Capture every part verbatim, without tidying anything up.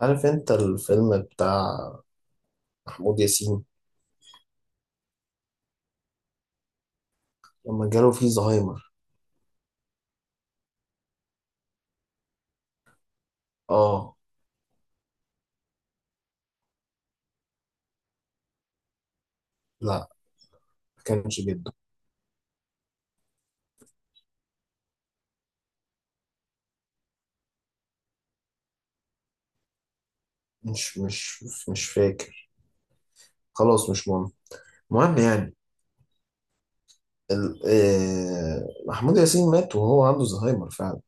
عارف انت الفيلم بتاع محمود ياسين لما جاله فيه زهايمر. اه. لا، ما كانش جده. مش مش مش فاكر. خلاص، مش مهم. المهم يعني ال- آه، محمود ياسين مات وهو عنده زهايمر فعلا.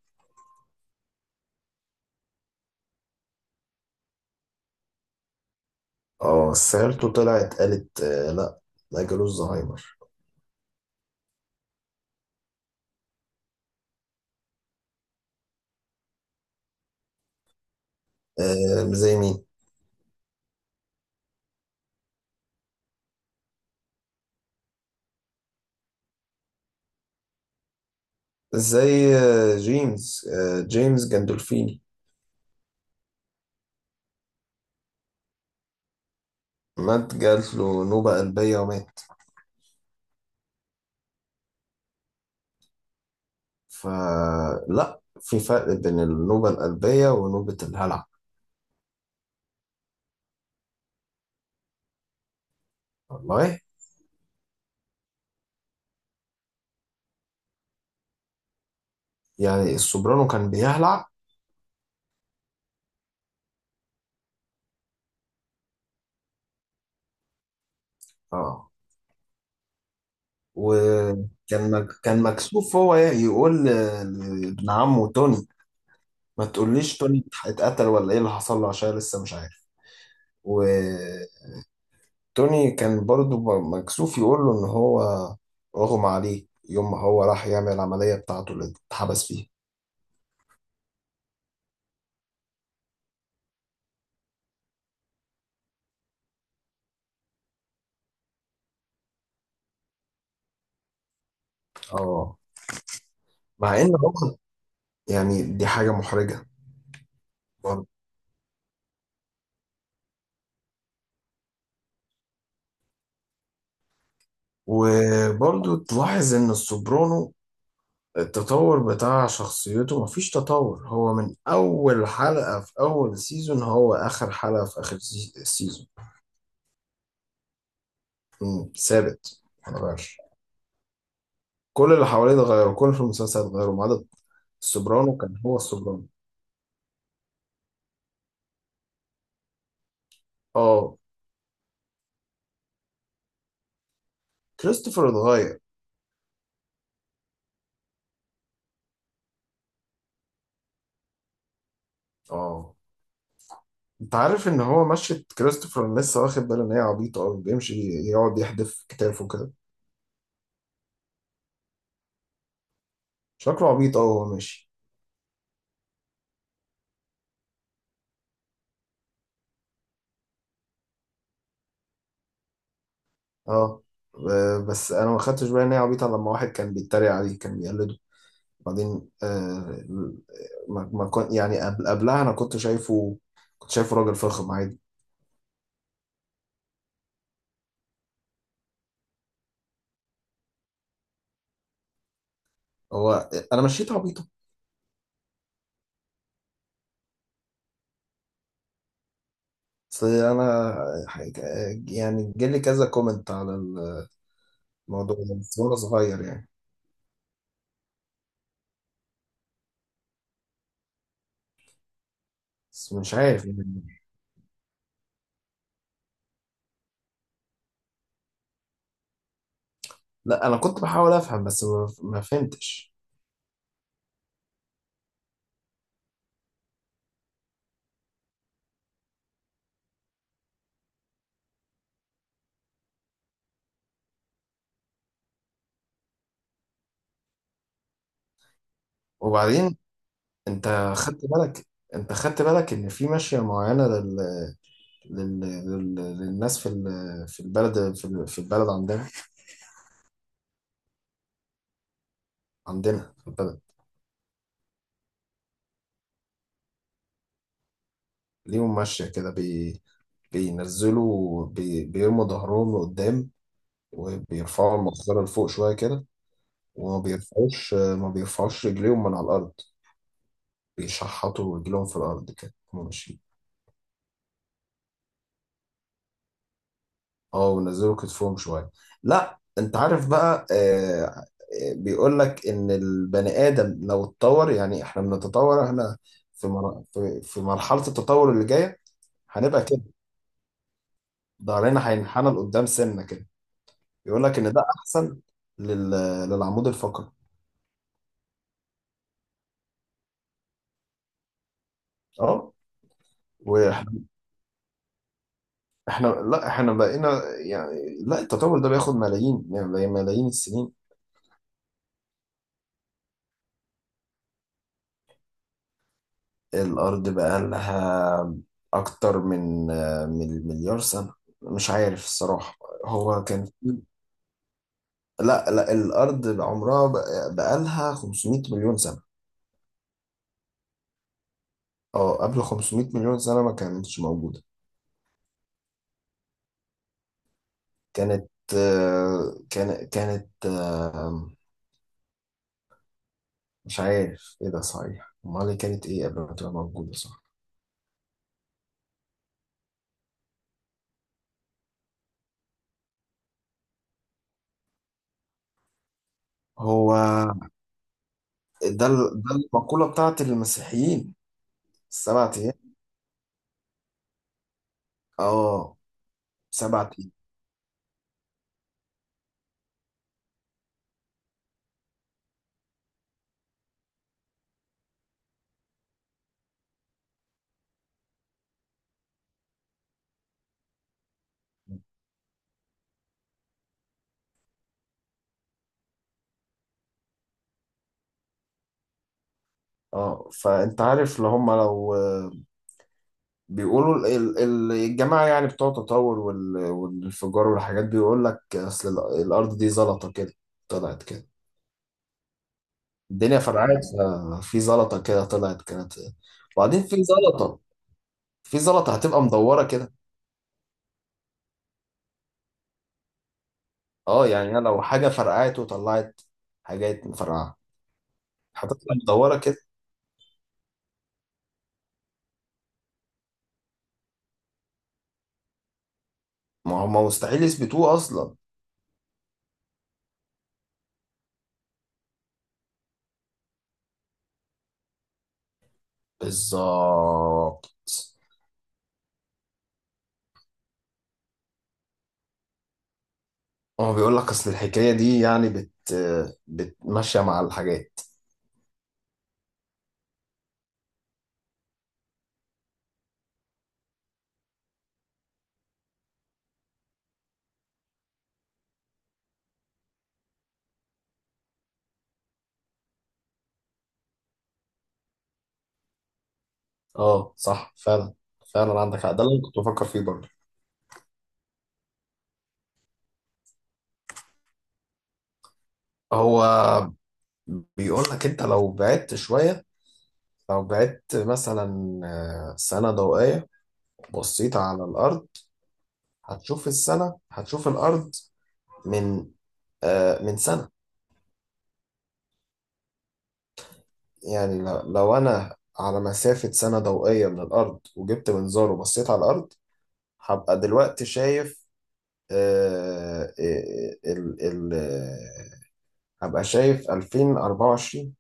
اه بس عيلته طلعت قالت آه، لا، ما جالوش زهايمر. آه، زي مين؟ زي آه، جيمس، آه، جيمس جندولفيني مات. جات له نوبة قلبية ومات. فلا في فرق بين النوبة القلبية ونوبة الهلع. والله. يعني السوبرانو كان بيهلع. اه، وكان مك... كان مكسوف هو يقول ل- لابن عمه توني، ما تقوليش توني اتقتل ولا ايه اللي حصل له، عشان لسه مش عارف. وتوني كان برضو م- مكسوف يقول له ان هو اغمى عليه يوم ما هو راح يعمل العملية بتاعته اللي اتحبس فيها. اه، مع ان هو، يعني، دي حاجة محرجة. وبرضو تلاحظ ان السوبرانو التطور بتاع شخصيته، مفيش تطور. هو من اول حلقة في اول سيزون هو اخر حلقة في اخر سي- سيزون. مم، ثابت، مغيرش. كل اللي حواليه اتغيروا، كل في المسلسل اتغيروا ما عدا السوبرانو. كان هو السوبرانو. اه. كريستوفر اتغير. اه. انت عارف ان هو مشيت كريستوفر؟ أنا لسه واخد بالي ان هي عبيطة قوي. بيمشي يقعد يحدف كتافه كده. شكله عبيط قوي وهو ماشي. اه. آه، بس انا ما خدتش بالي ان هي عبيطه، لما واحد كان بيتريق عليه كان بيقلده. بعدين آه ما ما كنت يعني قبل قبلها انا كنت شايفه. كنت شايفه راجل فخم عادي. هو انا مشيت عبيطه؟ اصل انا، حاجة يعني، جالي كذا كومنت على الموضوع ده بس وانا صغير، يعني. بس مش عارف يعني. لا، انا كنت بحاول افهم بس ما ما فهمتش. وبعدين انت خدت بالك انت خدت بالك ان في ماشيه معينه لل... لل... للناس في ال- في البلد، في ال- في البلد عندنا. عندنا في البلد ليهم ماشية كده. بي... بينزلوا بي... بيرموا ظهرهم لقدام، وبيرفعوا المقصرة لفوق شوية كده، وما بيرفعوش ما بيرفعوش رجليهم من على الأرض. بيشحطوا رجليهم في الأرض كده هما ماشيين. اه، ونزلوا كتفهم شوية. لا، انت عارف بقى، آه... آه، بيقول لك ان البني ادم لو اتطور، يعني احنا بنتطور، احنا في مر... في في مرحلة التطور اللي جاية هنبقى كده. ظهرنا هينحنى لقدام سنة كده. يقول لك ان ده احسن لل... للعمود الفقري. اه. واحنا احنا، لا، احنا بقينا، يعني، لا، التطور ده بياخد ملايين، يعني، ملايين السنين. الارض بقى لها اكتر من من مليار سنة. مش عارف الصراحة. هو كان في لا، لا، الارض عمرها بقى لها خمسمائة مليون سنة. اه، قبل خمسمائة مليون سنة ما كانتش موجودة. كانت آه، كان كانت آه، مش عارف ايه. ده صحيح؟ امال هي كانت ايه قبل ما تبقى موجوده؟ صح. هو ده ال- ده المقوله بتاعت المسيحيين، السبع ايام. اه، سبع ايام. اه. فانت عارف اللي هم، لو آه، بيقولوا، ال- ال- ال- الجماعه يعني بتوع التطور وال- والانفجار والحاجات، بيقول لك اصل ال- الارض دي زلطه كده طلعت كده. الدنيا فرقعت. ففي زلطه كده طلعت، كانت. وبعدين في زلطه في زلطة هتبقى مدورة كده. اه، يعني أنا لو حاجة فرقعت وطلعت، حاجات مفرقعة هتطلع مدورة كده. ما هم مستحيل يثبتوه أصلا. بالظبط. هو بيقول لك أصل الحكاية دي يعني بت بتمشي مع الحاجات. اه، صح، فعلا، فعلا عندك حق. ده اللي أنا كنت بفكر فيه برضه. هو بيقول لك أنت لو بعدت شوية، لو بعدت مثلا آه، سنة ضوئية بصيت على الأرض، هتشوف السنة هتشوف الأرض من، آه، من سنة. يعني ل- لو أنا على مسافة سنة ضوئية من الأرض وجبت منظار وبصيت على الأرض، هبقى دلوقتي شايف، آه، آه، ال ال آه، هبقى شايف ألفين وأربعة وعشرين.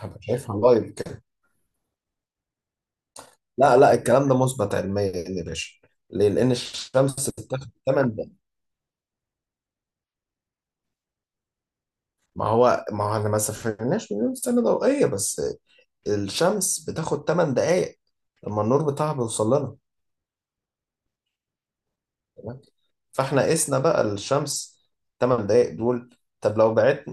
هبقى شايفها لايف كده. لا، لا، الكلام ده مثبت علميا يا باشا. ليه؟ لأن الشمس بتاخد تمانية دقايق. ما هو ما هو احنا ما سافرناش مليون سنة ضوئية، بس الشمس بتاخد تمانية دقايق لما النور بتاعها بيوصل لنا. تمام. فاحنا قسنا بقى الشمس تمانية دقايق دول. طب لو بعت،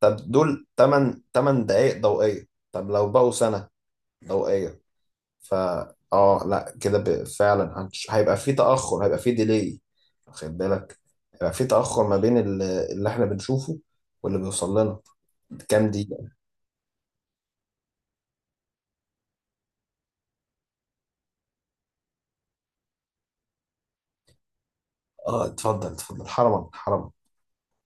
طب دول تمن تمن دقايق ضوئية. طب لو بقوا سنة ضوئية، فا اه لا، كده، ب- فعلا، هنش- هيبقى في تأخر، هيبقى في ديلي، واخد بالك؟ هيبقى في تأخر ما بين ال- اللي احنا بنشوفه واللي بيوصل لنا. كام دقيقة؟ اه، اتفضل اتفضل، حرما حرما.